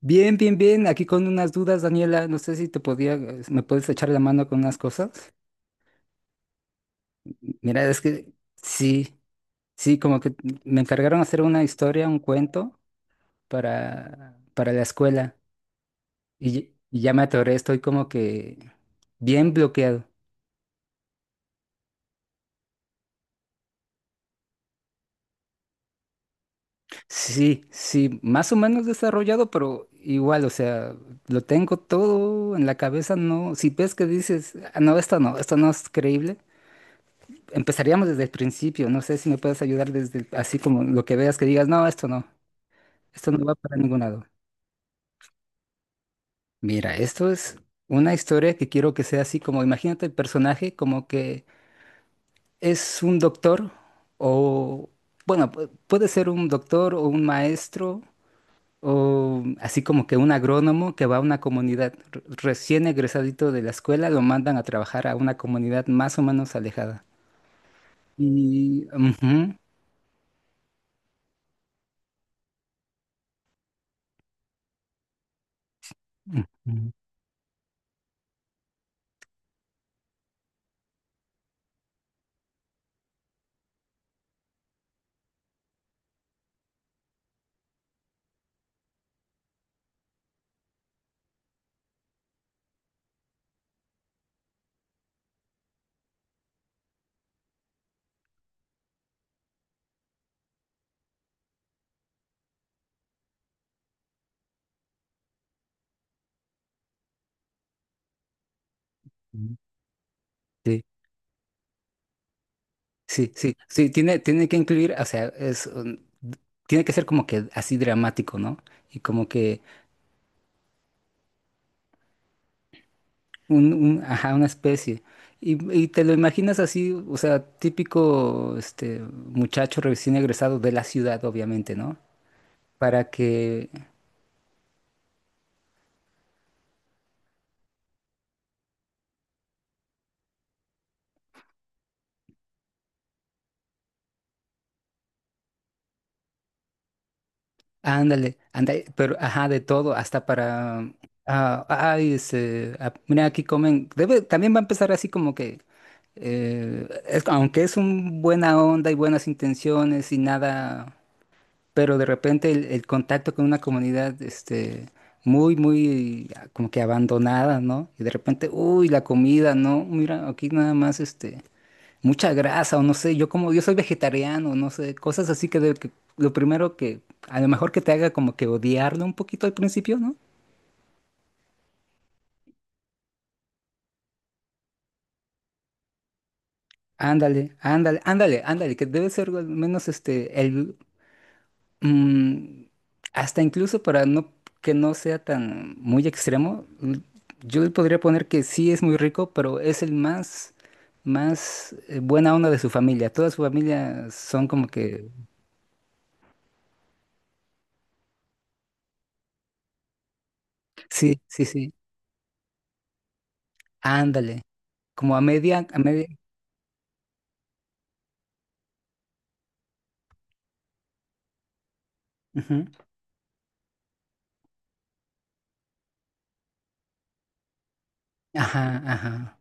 Bien, bien, bien. Aquí con unas dudas, Daniela. No sé si te podía, Me puedes echar la mano con unas cosas. Mira, es que sí, sí, como que me encargaron hacer una historia, un cuento para la escuela. Y ya me atoré, estoy como que bien bloqueado. Sí, sí, más o menos desarrollado, pero igual, o sea, lo tengo todo en la cabeza, no. Si ves que dices, "Ah, no, esto no, esto no es creíble. Empezaríamos desde el principio. No sé si me puedes ayudar desde así como lo que veas que digas, no, esto no, esto no va para ningún lado. Mira, esto es una historia que quiero que sea así como, imagínate el personaje como que es un doctor o, bueno, puede ser un doctor o un maestro o así como que un agrónomo que va a una comunidad recién egresadito de la escuela, lo mandan a trabajar a una comunidad más o menos alejada. Y... ujú, ujú, sí. Sí, sí, sí, tiene que incluir, o sea, es, tiene que ser como que así dramático, ¿no? Y como que ajá, una especie. Y te lo imaginas así, o sea, típico, este, muchacho recién egresado de la ciudad, obviamente, ¿no? Para que, ándale, ándale, pero, ajá, de todo, ah, ay, este, ah, mira, aquí comen, debe, también va a empezar así como que, aunque es un buena onda y buenas intenciones y nada, pero de repente el contacto con una comunidad, este, muy, ah, como que abandonada, ¿no? Y de repente, uy, la comida, ¿no? Mira, aquí nada más, este, mucha grasa, o no sé, yo como, yo soy vegetariano, no sé, cosas así que, que lo primero que, a lo mejor, que te haga como que odiarlo un poquito al principio, ¿no? Ándale, ándale, ándale, ándale, que debe ser al menos este, el, Mm, hasta incluso para no, que no sea tan muy extremo, yo le podría poner que sí es muy rico, pero es el más, más, buena onda de su familia. Toda su familia son como que sí, sí, sí. Ándale. Como a media, a media. Ujú. Ajá, ajá.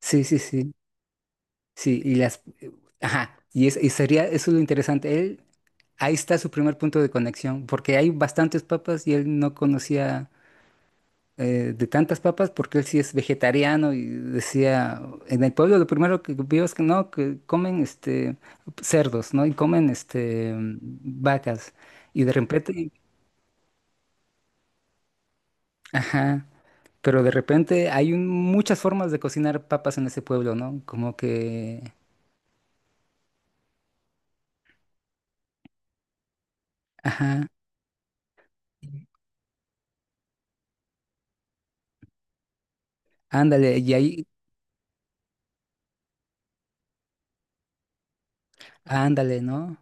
Sí, sí, sí. Sí. Y las, ajá. Y es, y sería, eso lo interesante. Él, ahí está su primer punto de conexión, porque hay bastantes papas y él no conocía, de tantas papas, porque él sí es vegetariano y decía, en el pueblo lo primero que vio es que no, que comen este, cerdos, ¿no? Y comen este, vacas. Y de repente, ajá, pero de repente hay muchas formas de cocinar papas en ese pueblo, ¿no? Como que, ajá, ándale, y ahí, ándale, ¿no?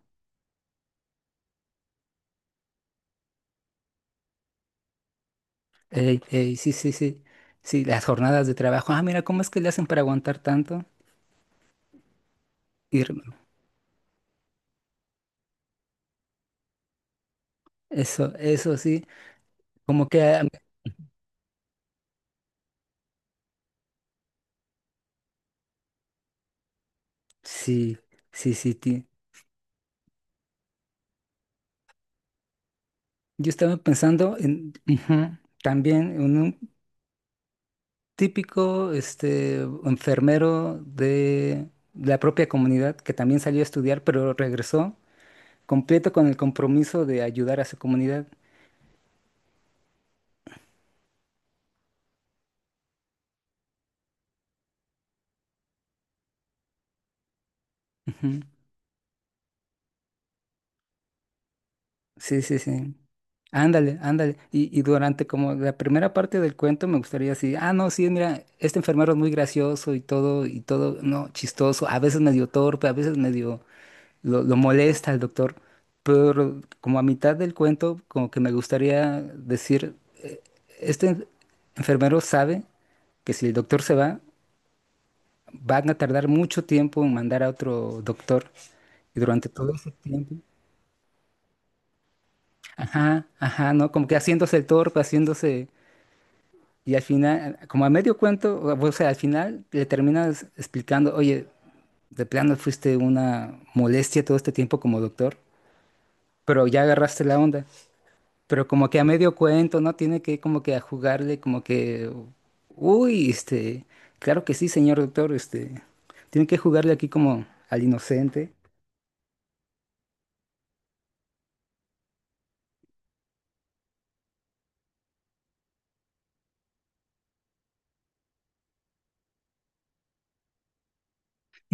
Ey, ey, sí, sí, sí. Sí, las jornadas de trabajo. Ah, mira, ¿cómo es que le hacen para aguantar tanto? Y eso, eso sí. Como que sí, sí, sí, yo estaba pensando en, ujú, también en un típico este, enfermero de la propia comunidad que también salió a estudiar, pero regresó completo con el compromiso de ayudar a su comunidad. Ujú. Sí, sí, sí. Ándale, ándale. Y durante como la primera parte del cuento me gustaría así, ah, no, sí, mira, este enfermero es muy gracioso y todo, no, chistoso, a veces medio torpe, a veces medio lo molesta el doctor, pero como a mitad del cuento, como que me gustaría decir, "Eh, este enfermero sabe que si el doctor se va, van a tardar mucho tiempo en mandar a otro doctor. Y durante todo ese tiempo, ajá, ajá, ¿no? Como que haciéndose el torpe, haciéndose. Y al final, como a medio cuento, o sea, al final le terminas explicando, oye, de plano fuiste una molestia todo este tiempo como doctor, pero ya agarraste la onda. Pero como que a medio cuento, ¿no? Tiene que como que a jugarle, como que, uy, este, claro que sí, señor doctor, este, tiene que jugarle aquí como al inocente.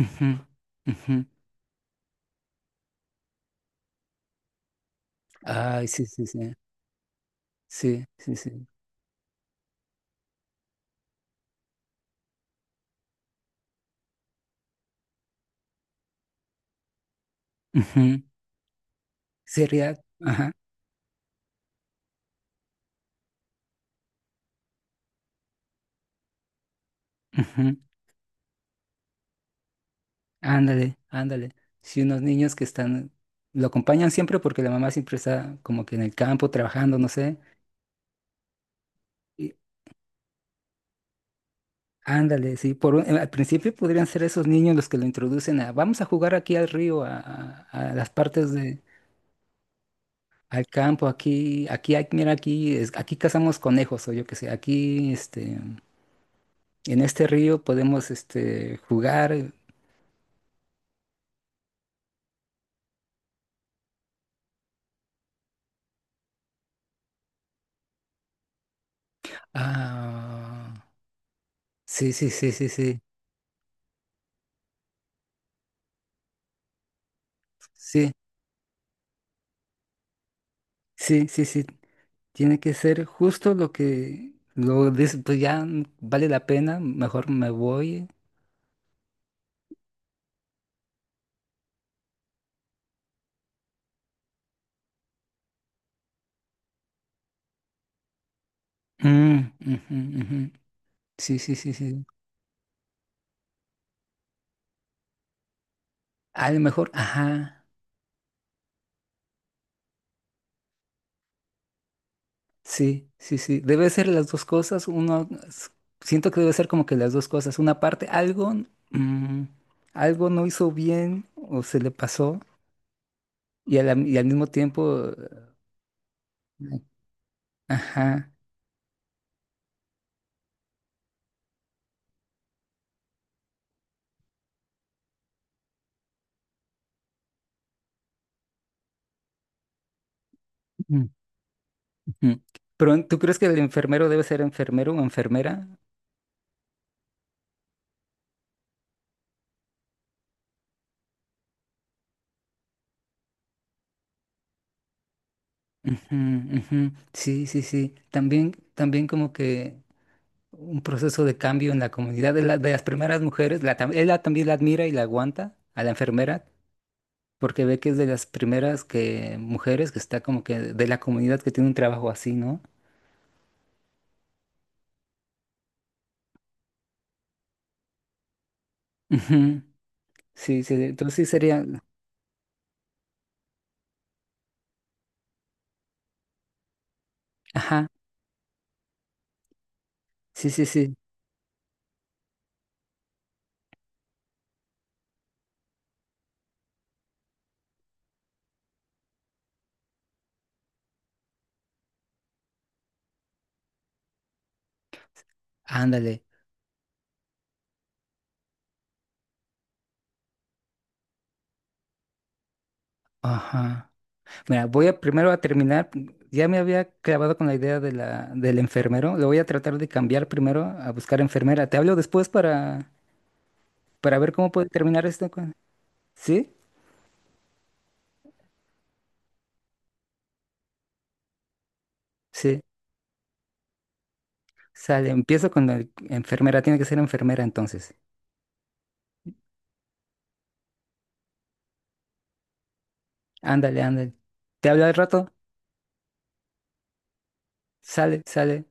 Ujú, ujú. Ay, sí, sí, sí, sí, sí, sí. Ujú. Seriedad, ajá. Ujú. Ándale, ándale. Sí, unos niños que están, lo acompañan siempre porque la mamá siempre está como que en el campo trabajando, no sé. Y ándale, sí, por al principio podrían ser esos niños los que lo introducen a, vamos a jugar aquí al río, a las partes de, al campo, aquí, aquí, hay, mira, aquí, aquí cazamos conejos o yo qué sé, aquí, este, en este río podemos, este, jugar. Ah, sí, sí, sí, sí, sí, sí, sí, sí, sí. Tiene que ser justo lo que lo dice, pues ya, mm, vale la pena, mejor me voy. Mm, ujú, ujú. Sí, sí, sí, sí. A lo mejor, ajá, sí, sí, sí. Debe ser las dos cosas. Uno, siento que debe ser como que las dos cosas. Una parte, algo, mm, algo no hizo bien o se le pasó y, y al mismo tiempo, ajá. Mm, ujú. Pero ¿tú crees que el enfermero debe ser enfermero o enfermera? Ujú, ujú. Sí, sí, sí. También, también como que un proceso de cambio en la comunidad de las primeras mujeres. La, ella también la admira y la aguanta a la enfermera porque ve que es de las primeras que, mujeres que está como que de la comunidad que tiene un trabajo así, ¿no? Ujú. Sí, sí. Entonces sí sería... Ajá. Sí, sí, sí. Ándale. Ajá. Mira, voy a primero a terminar. Ya me había clavado con la idea de del enfermero. Lo voy a tratar de cambiar primero a buscar enfermera. Te hablo después para ver cómo puede terminar esto. ¿Sí? Sí. Sale, empiezo con la enfermera. Tiene que ser enfermera entonces. Ándale, ándale. Te hablo al rato. Sale, sale.